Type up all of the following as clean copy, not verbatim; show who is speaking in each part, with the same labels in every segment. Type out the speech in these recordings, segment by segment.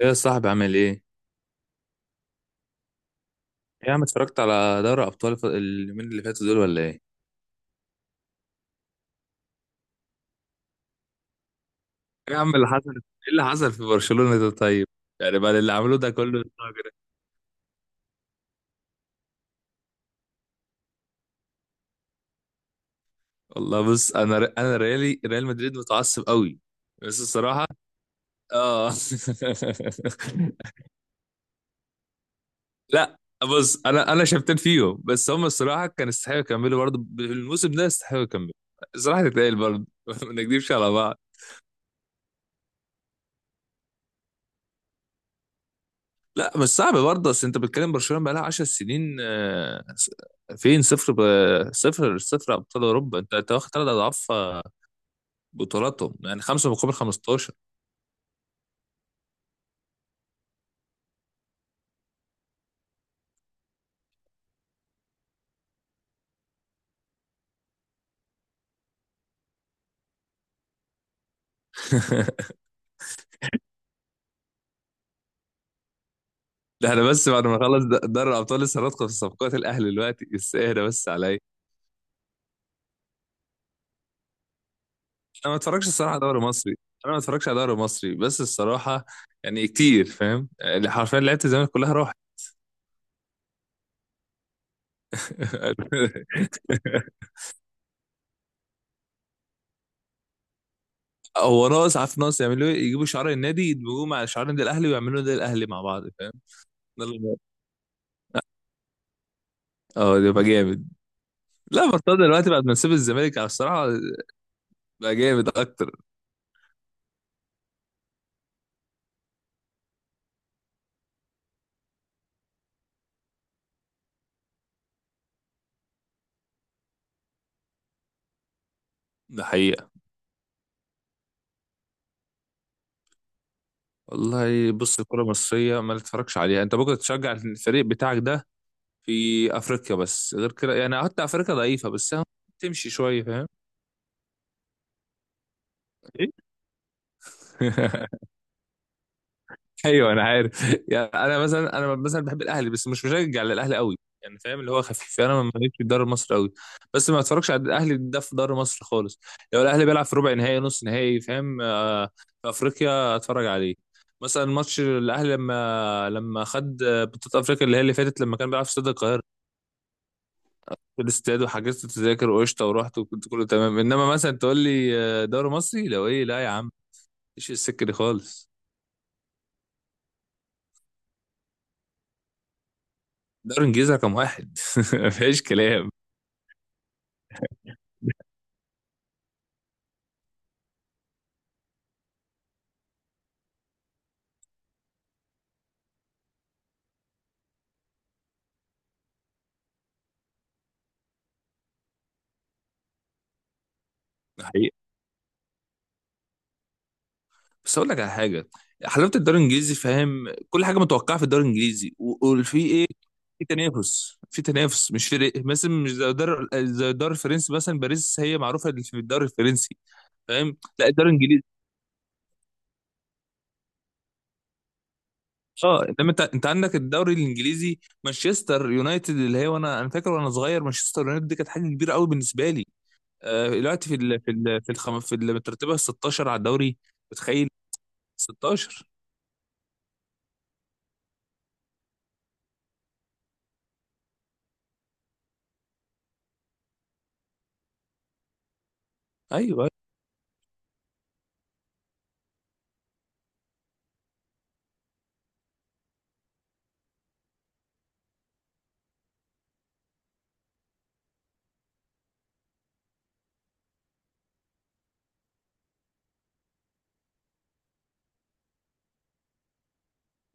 Speaker 1: ايه يا صاحبي، عامل ايه؟ ايه، يا عم، اتفرجت على دوري ابطال اليومين اللي فاتوا دول ولا ايه؟ ايه، يا عم، اللي حصل ايه؟ اللي حصل في برشلونة ده طيب؟ يعني بعد اللي عملوه ده كله الراجل ده. والله بص، انا ريال مدريد متعصب قوي، بس الصراحة. اه، لا، بص انا شفتين فيهم، بس هم الصراحة كان يستحقوا يكملوا برضه، بالموسم ده يستحقوا يكملوا. الصراحة تتقال برضه. ما نكذبش على بعض. لا، مش صعب برضه، بس انت بتتكلم برشلونه بقى لها 10 سنين، فين صفر صفر ابطال اوروبا. انت واخد ثلاث اضعاف، بطولاتهم يعني 5 مقابل 15. ده احنا بس بعد ما نخلص دوري الابطال لسه هندخل في صفقات الاهلي دلوقتي، بس اهدى بس عليا. انا ما اتفرجش الصراحه على دوري مصري، انا ما اتفرجش على دوري مصري بس الصراحه، يعني كتير. فاهم؟ يعني حرفيا لعيبه الزمالك كلها راحت. هو ناقص، عارف ناقص يعملوا ايه؟ يجيبوا شعار النادي يدمجوه مع شعار النادي الاهلي ويعملوا النادي الاهلي مع بعض. يلا. اه، ده بقى جامد. لا، مرتضى دلوقتي بعد ما ساب الزمالك على الصراحه بقى جامد اكتر. ده حقيقه. والله بص، الكره المصريه ما تتفرجش عليها، انت ممكن تشجع الفريق بتاعك ده في افريقيا بس، غير كده يعني حتى افريقيا ضعيفه بس، أهو تمشي شويه. فاهم؟ ايه. ايوه انا عارف. يعني انا مثلا بحب الاهلي بس مش مشجع للاهلي قوي. يعني فاهم اللي هو خفيف، يعني انا ماليش في الدوري المصري قوي. بس ما اتفرجش على الاهلي ده في الدوري المصري خالص، لو الاهلي بيلعب في ربع نهائي، نص نهائي، فاهم؟ في افريقيا اتفرج عليه. مثلا ماتش الاهلي لما خد بطوله افريقيا اللي هي اللي فاتت، لما كان بيلعب في استاد القاهره، في الاستاد، وحجزت تذاكر وقشطه ورحت وكنت كله تمام. انما مثلا تقول لي دوري مصري لو ايه، لا يا عم، مفيش السكه دي خالص. دوري انجليزي رقم واحد. مفيش كلام. ده حقيقة. بس اقول لك على حاجه، حلاوه الدوري الانجليزي، فاهم؟ كل حاجه متوقعه في الدوري الانجليزي، وفي ايه، في تنافس، في تنافس، مش فرق مثلا، مش زي الدوري الفرنسي، مثلا باريس هي معروفه اللي في الدوري الفرنسي، فاهم؟ لا، الدوري الانجليزي، اه. انما انت عندك الدوري الانجليزي، مانشستر يونايتد، اللي هي وانا فاكر وانا صغير مانشستر يونايتد دي كانت حاجه كبيره قوي بالنسبه لي. دلوقتي في ال في ال في الخم في المترتبه 16 على الدوري، متخيل؟ 16، ايوه.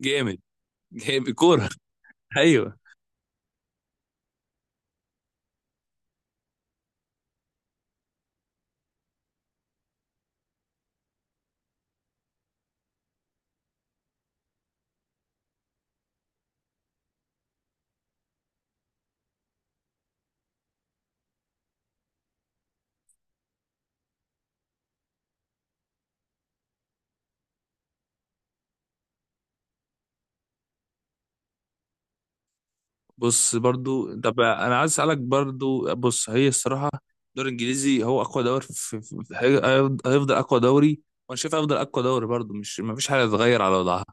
Speaker 1: جامد، جامد كوره. ايوه. بص برضو، طب انا عايز اسالك برضو، بص هي الصراحه، الدوري الانجليزي هو اقوى دوري هيفضل اقوى دوري، وانا شايف هيفضل اقوى دوري برضو، مش ما فيش حاجه تتغير على وضعها،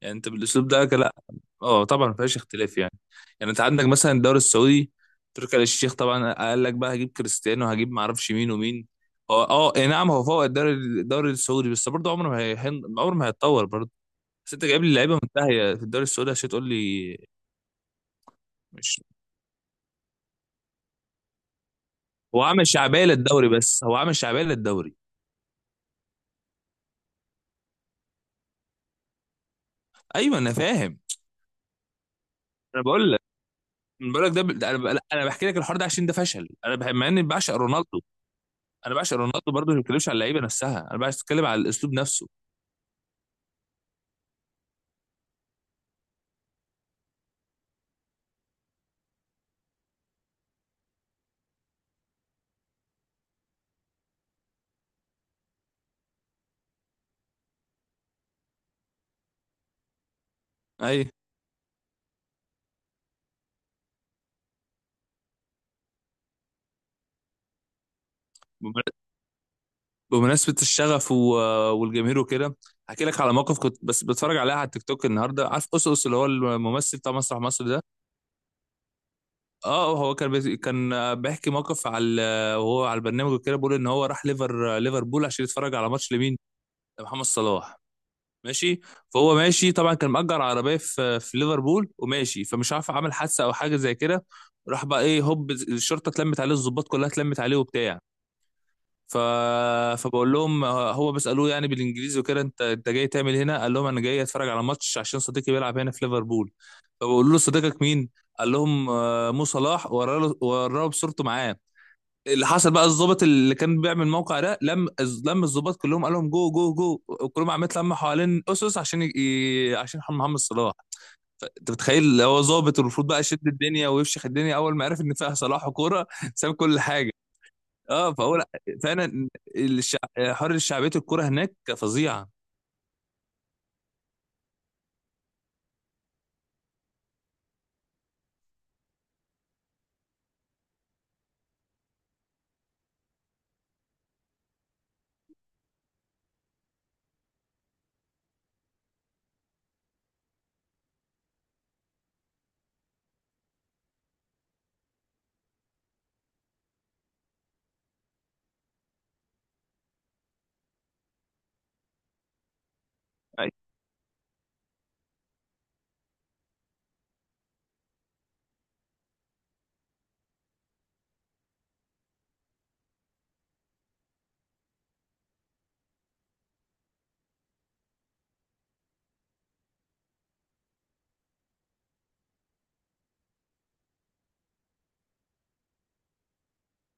Speaker 1: يعني انت بالاسلوب ده، لا، اه طبعا ما فيهاش اختلاف يعني. يعني انت عندك مثلا الدوري السعودي، تركي آل الشيخ طبعا قال لك بقى هجيب كريستيانو، هجيب ما اعرفش مين ومين، هو اي نعم، هو فوق الدوري السعودي بس برضه عمره ما هيتطور برضه. بس انت جايب لي لعيبه منتهيه في الدوري السعودي عشان تقول لي، مش هو عامل شعبيه للدوري، بس هو عامل شعبيه للدوري. ايوه انا فاهم. انا بقول لك انا بقول لك، ده ب... ده انا ب... انا بحكي لك الحوار ده عشان ده فشل، مع اني بعشق رونالدو. انا بعشق رونالدو برضه، ما بتكلمش على اللعيبه نفسها، انا بتكلم على الاسلوب نفسه. اي، بمن- بمناسبه الشغف والجماهير وكده. هحكي لك على موقف، كنت بس بتفرج عليها على التيك توك النهارده، عارف اس اس اللي هو الممثل بتاع مسرح مصر ده، اه. هو كان بيحكي موقف، على وهو على البرنامج وكده، بيقول ان هو راح ليفربول عشان يتفرج على ماتش لمين؟ لمحمد صلاح. ماشي، فهو ماشي طبعا، كان مأجر عربيه في ليفربول، وماشي، فمش عارف عمل حادثه او حاجه زي كده. راح بقى ايه، هوب الشرطه اتلمت عليه، الضباط كلها اتلمت عليه وبتاع. ف... فبقول لهم، هو بيسالوه يعني بالانجليزي وكده، انت جاي تعمل هنا؟ قال لهم انا جاي اتفرج على ماتش عشان صديقي بيلعب هنا في ليفربول. فبقول له صديقك مين؟ قال لهم مو صلاح، وراه بصورته معاه. اللي حصل بقى، الضابط اللي كان بيعمل الموقع ده لم الضباط كلهم، قال لهم جو جو جو، وكلهم عمال يتلموا حوالين اسس عشان عشان محمد صلاح. انت متخيل، هو ضابط والمفروض بقى يشد الدنيا ويفشخ الدنيا، اول ما عرف ان فيها صلاح وكوره ساب كل حاجه. اه، فهو لا، فعلا حر شعبيه الكوره هناك فظيعه.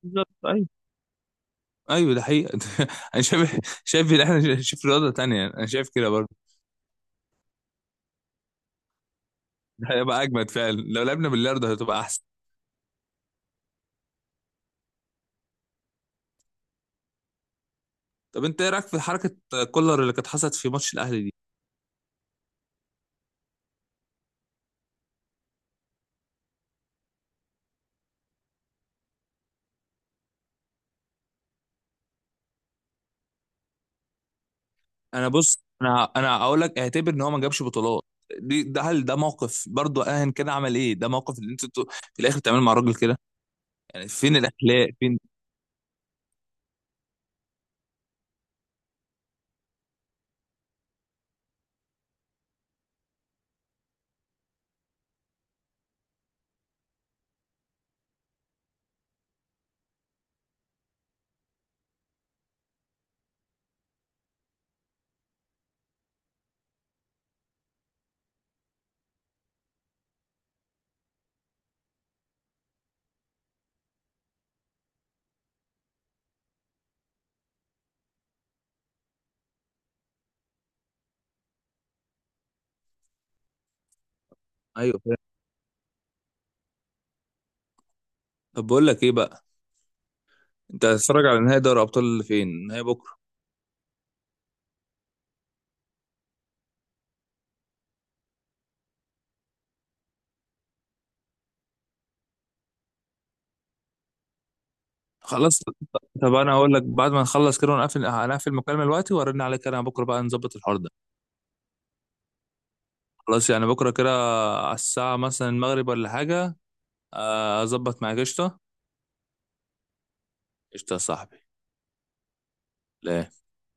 Speaker 1: بالظبط، ايوه. ايوه ده حقيقه. انا شايف ان احنا نشوف رياضه تانية، انا شايف كده برضه. ده هيبقى اجمد فعلا، لو لعبنا بالياردو هتبقى احسن. طب انت ايه رايك في حركه كولر اللي كانت حصلت في ماتش الاهلي دي؟ انا بص، انا اقول لك اعتبر ان هو ما جابش بطولات، دي ده، هل ده موقف برضه؟ اهن كده عمل ايه؟ ده موقف اللي انتوا في الاخر بتعملوا مع الراجل كده، يعني فين الاخلاق؟ فين؟ ايوه فين. طب بقول لك ايه بقى، انت هتتفرج على نهائي دوري ابطال، اللي فين نهائي بكره؟ خلاص. طب انا هقول لك، بعد ما نخلص كده ونقفل هنقفل المكالمه دلوقتي، وارن عليك انا بكره بقى نظبط الحوار ده. خلاص يعني بكره كده، على الساعه مثلا المغرب ولا حاجه؟ اظبط معاك، قشطه. قشطه يا صاحبي. لا.